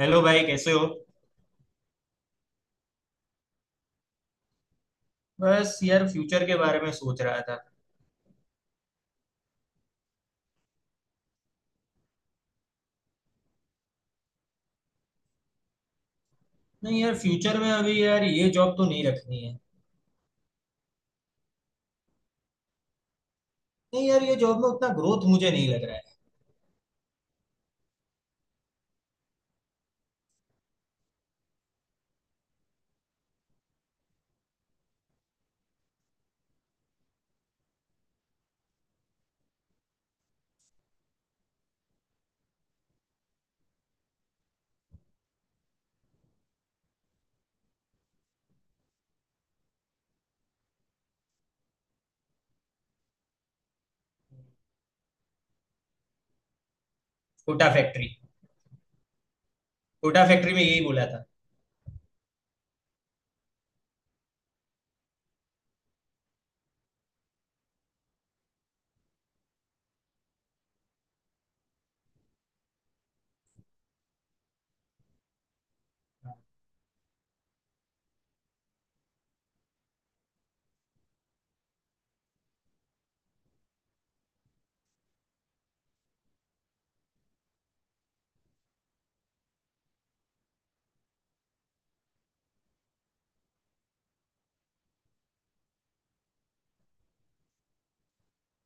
Hello भाई कैसे हो। बस यार फ्यूचर के बारे में सोच रहा था। नहीं यार फ्यूचर में अभी यार ये जॉब तो नहीं रखनी है। नहीं यार ये जॉब में उतना ग्रोथ मुझे नहीं लग रहा है। कोटा फैक्ट्री। कोटा फैक्ट्री में यही बोला था।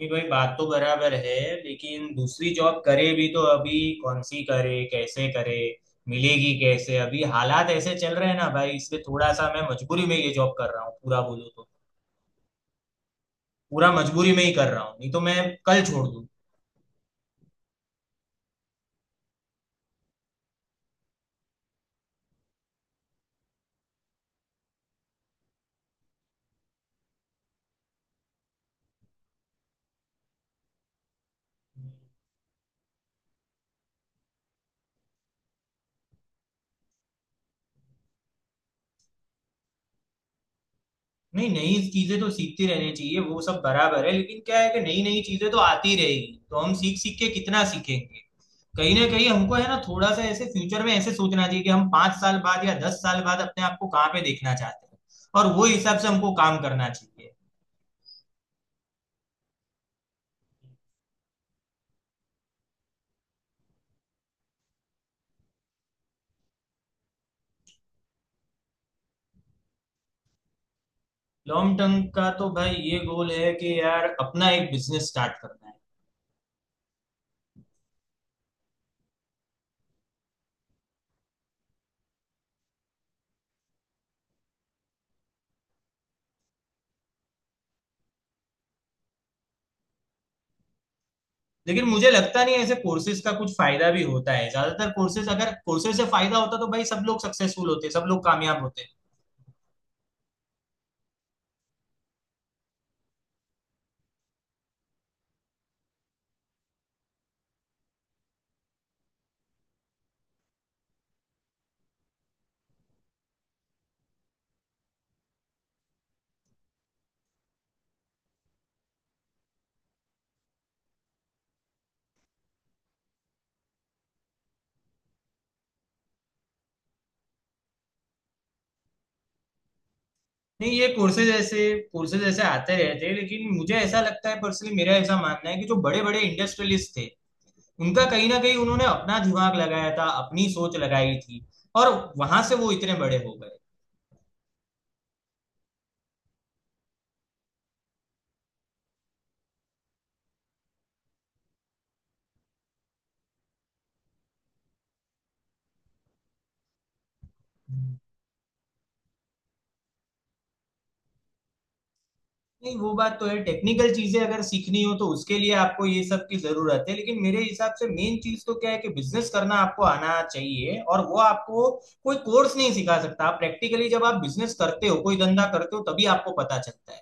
नहीं भाई बात तो बराबर है। लेकिन दूसरी जॉब करे भी तो अभी कौन सी करे, कैसे करे, मिलेगी कैसे? अभी हालात ऐसे चल रहे हैं ना भाई, इसलिए थोड़ा सा मैं मजबूरी में ये जॉब कर रहा हूँ, पूरा बोलूँ तो पूरा मजबूरी में ही कर रहा हूँ, नहीं तो मैं कल छोड़ दूँ। नहीं, नई चीजें तो सीखती रहनी चाहिए, वो सब बराबर है, लेकिन क्या है कि नई नई चीजें तो आती रहेगी तो हम सीख सीख के कितना सीखेंगे। कहीं ना कहीं हमको है ना थोड़ा सा ऐसे फ्यूचर में ऐसे सोचना चाहिए कि हम 5 साल बाद या 10 साल बाद अपने आप को कहाँ पे देखना चाहते हैं, और वो हिसाब से हमको काम करना चाहिए। लॉन्ग टर्म का तो भाई ये गोल है कि यार अपना एक बिजनेस स्टार्ट करना है। लेकिन मुझे लगता नहीं है ऐसे कोर्सेज का कुछ फायदा भी होता है, ज्यादातर कोर्सेज, अगर कोर्सेज से फायदा होता तो भाई सब लोग सक्सेसफुल होते, सब लोग कामयाब होते। नहीं, ये कोर्सेज ऐसे आते रहते हैं, लेकिन मुझे ऐसा लगता है, पर्सनली मेरा ऐसा मानना है कि जो बड़े बड़े इंडस्ट्रियलिस्ट थे उनका कहीं ना कहीं उन्होंने अपना दिमाग लगाया था, अपनी सोच लगाई थी, और वहां से वो इतने बड़े हो गए। नहीं, वो बात तो है, टेक्निकल चीजें अगर सीखनी हो तो उसके लिए आपको ये सब की जरूरत है, लेकिन मेरे हिसाब से मेन चीज तो क्या है कि बिजनेस करना आपको आना चाहिए, और वो आपको कोई कोर्स नहीं सिखा सकता। आप प्रैक्टिकली जब आप बिजनेस करते हो, कोई धंधा करते हो, तभी आपको पता चलता है।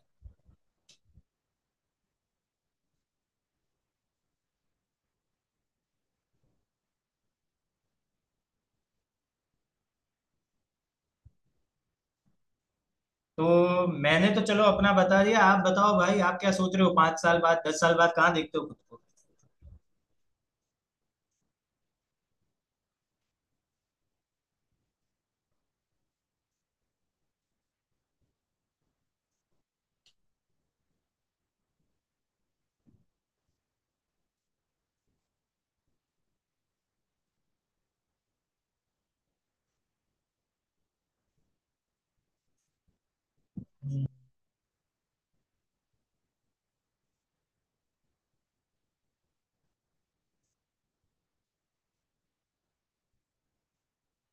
तो मैंने तो चलो अपना बता दिया, आप बताओ भाई, आप क्या सोच रहे हो 5 साल बाद 10 साल बाद, कहाँ देखते हो खुद को? हम्म,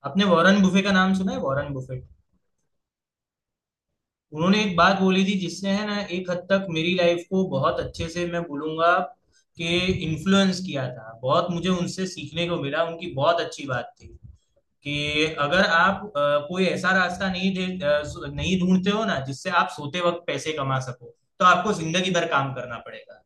आपने वॉरेन बुफे का नाम सुना है? वॉरेन बुफेट, उन्होंने एक बात बोली थी जिसने है ना एक हद तक मेरी लाइफ को बहुत अच्छे से, मैं बोलूंगा कि इन्फ्लुएंस किया था। बहुत मुझे उनसे सीखने को मिला, उनकी बहुत अच्छी बात थी कि अगर आप कोई ऐसा रास्ता नहीं ढूंढते हो ना जिससे आप सोते वक्त पैसे कमा सको, तो आपको जिंदगी भर काम करना पड़ेगा।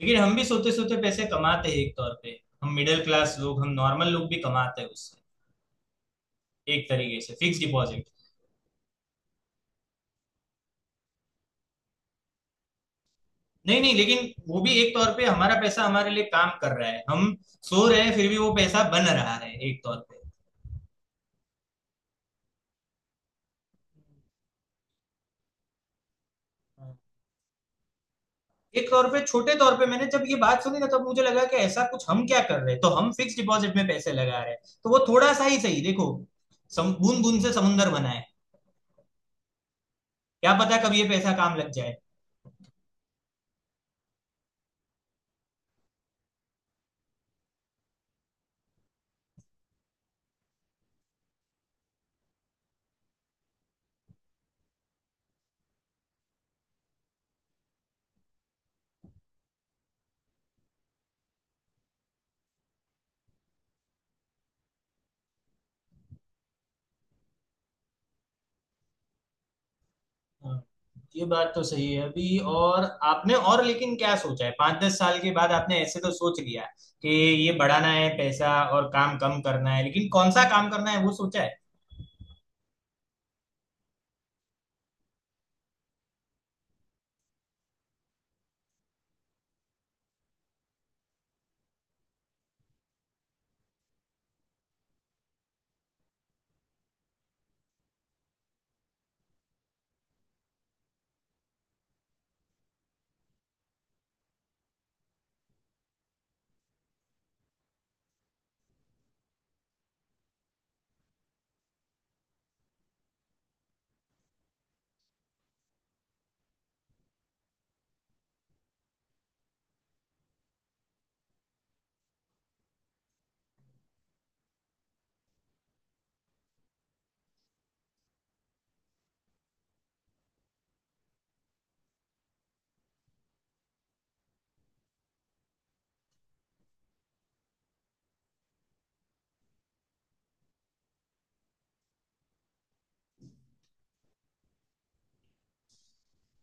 लेकिन हम भी सोते सोते पैसे कमाते हैं एक तौर पे, हम मिडिल क्लास लोग, हम नॉर्मल लोग भी कमाते हैं उससे, एक तरीके से, फिक्स डिपॉजिट। नहीं नहीं, लेकिन वो भी एक तौर पे हमारा पैसा हमारे लिए काम कर रहा है, हम सो रहे हैं फिर भी वो पैसा बन रहा है एक तौर पे। एक तौर पे छोटे तौर पे, मैंने जब ये बात सुनी ना तब मुझे लगा कि ऐसा कुछ हम क्या कर रहे हैं? तो हम फिक्स डिपॉजिट में पैसे लगा रहे हैं तो वो थोड़ा सा ही सही, देखो, बूंद बूंद से समुंदर बना है। क्या पता कब ये पैसा काम लग जाए। हाँ, ये बात तो सही है अभी, और आपने और लेकिन क्या सोचा है पाँच दस साल के बाद? आपने ऐसे तो सोच लिया कि ये बढ़ाना है पैसा और काम कम करना है, लेकिन कौन सा काम करना है वो सोचा है?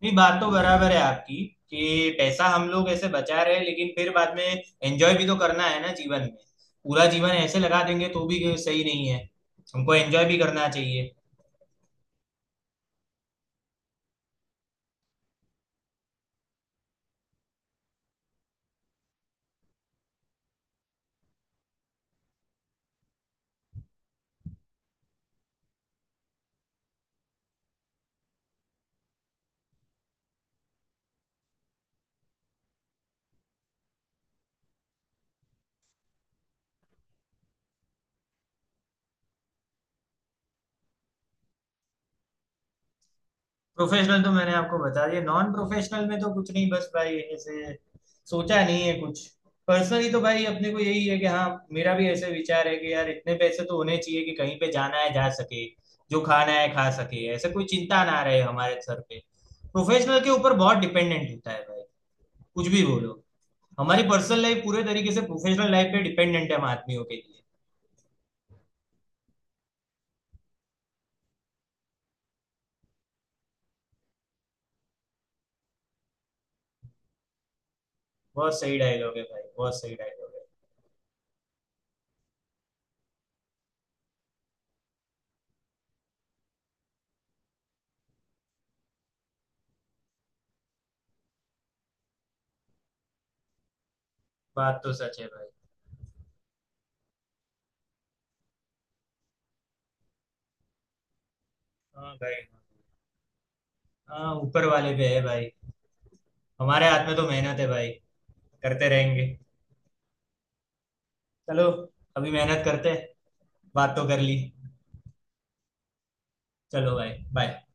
नहीं, बात तो बराबर है आपकी, कि पैसा हम लोग ऐसे बचा रहे हैं लेकिन फिर बाद में एंजॉय भी तो करना है ना जीवन में। पूरा जीवन ऐसे लगा देंगे तो भी सही नहीं है, हमको एंजॉय भी करना चाहिए। प्रोफेशनल तो मैंने आपको बता दिया, नॉन प्रोफेशनल में तो कुछ नहीं, बस भाई ऐसे सोचा नहीं है कुछ। पर्सनली तो भाई अपने को यही है कि हाँ, मेरा भी ऐसे विचार है कि यार इतने पैसे तो होने चाहिए कि कहीं पे जाना है जा सके, जो खाना है खा सके, ऐसे कोई चिंता ना रहे हमारे सर पे। प्रोफेशनल के ऊपर बहुत डिपेंडेंट होता है भाई, कुछ भी बोलो। हमारी पर्सनल लाइफ पूरे तरीके से प्रोफेशनल लाइफ पे डिपेंडेंट है हम आदमियों के लिए। बहुत सही डायलॉग है भाई, बहुत सही डायलॉग है। बात तो सच है भाई। हाँ भाई। हाँ, ऊपर वाले पे है भाई, हमारे हाथ में तो मेहनत है भाई। करते रहेंगे। चलो, अभी मेहनत करते हैं, बात तो कर ली। चलो भाई। बाय।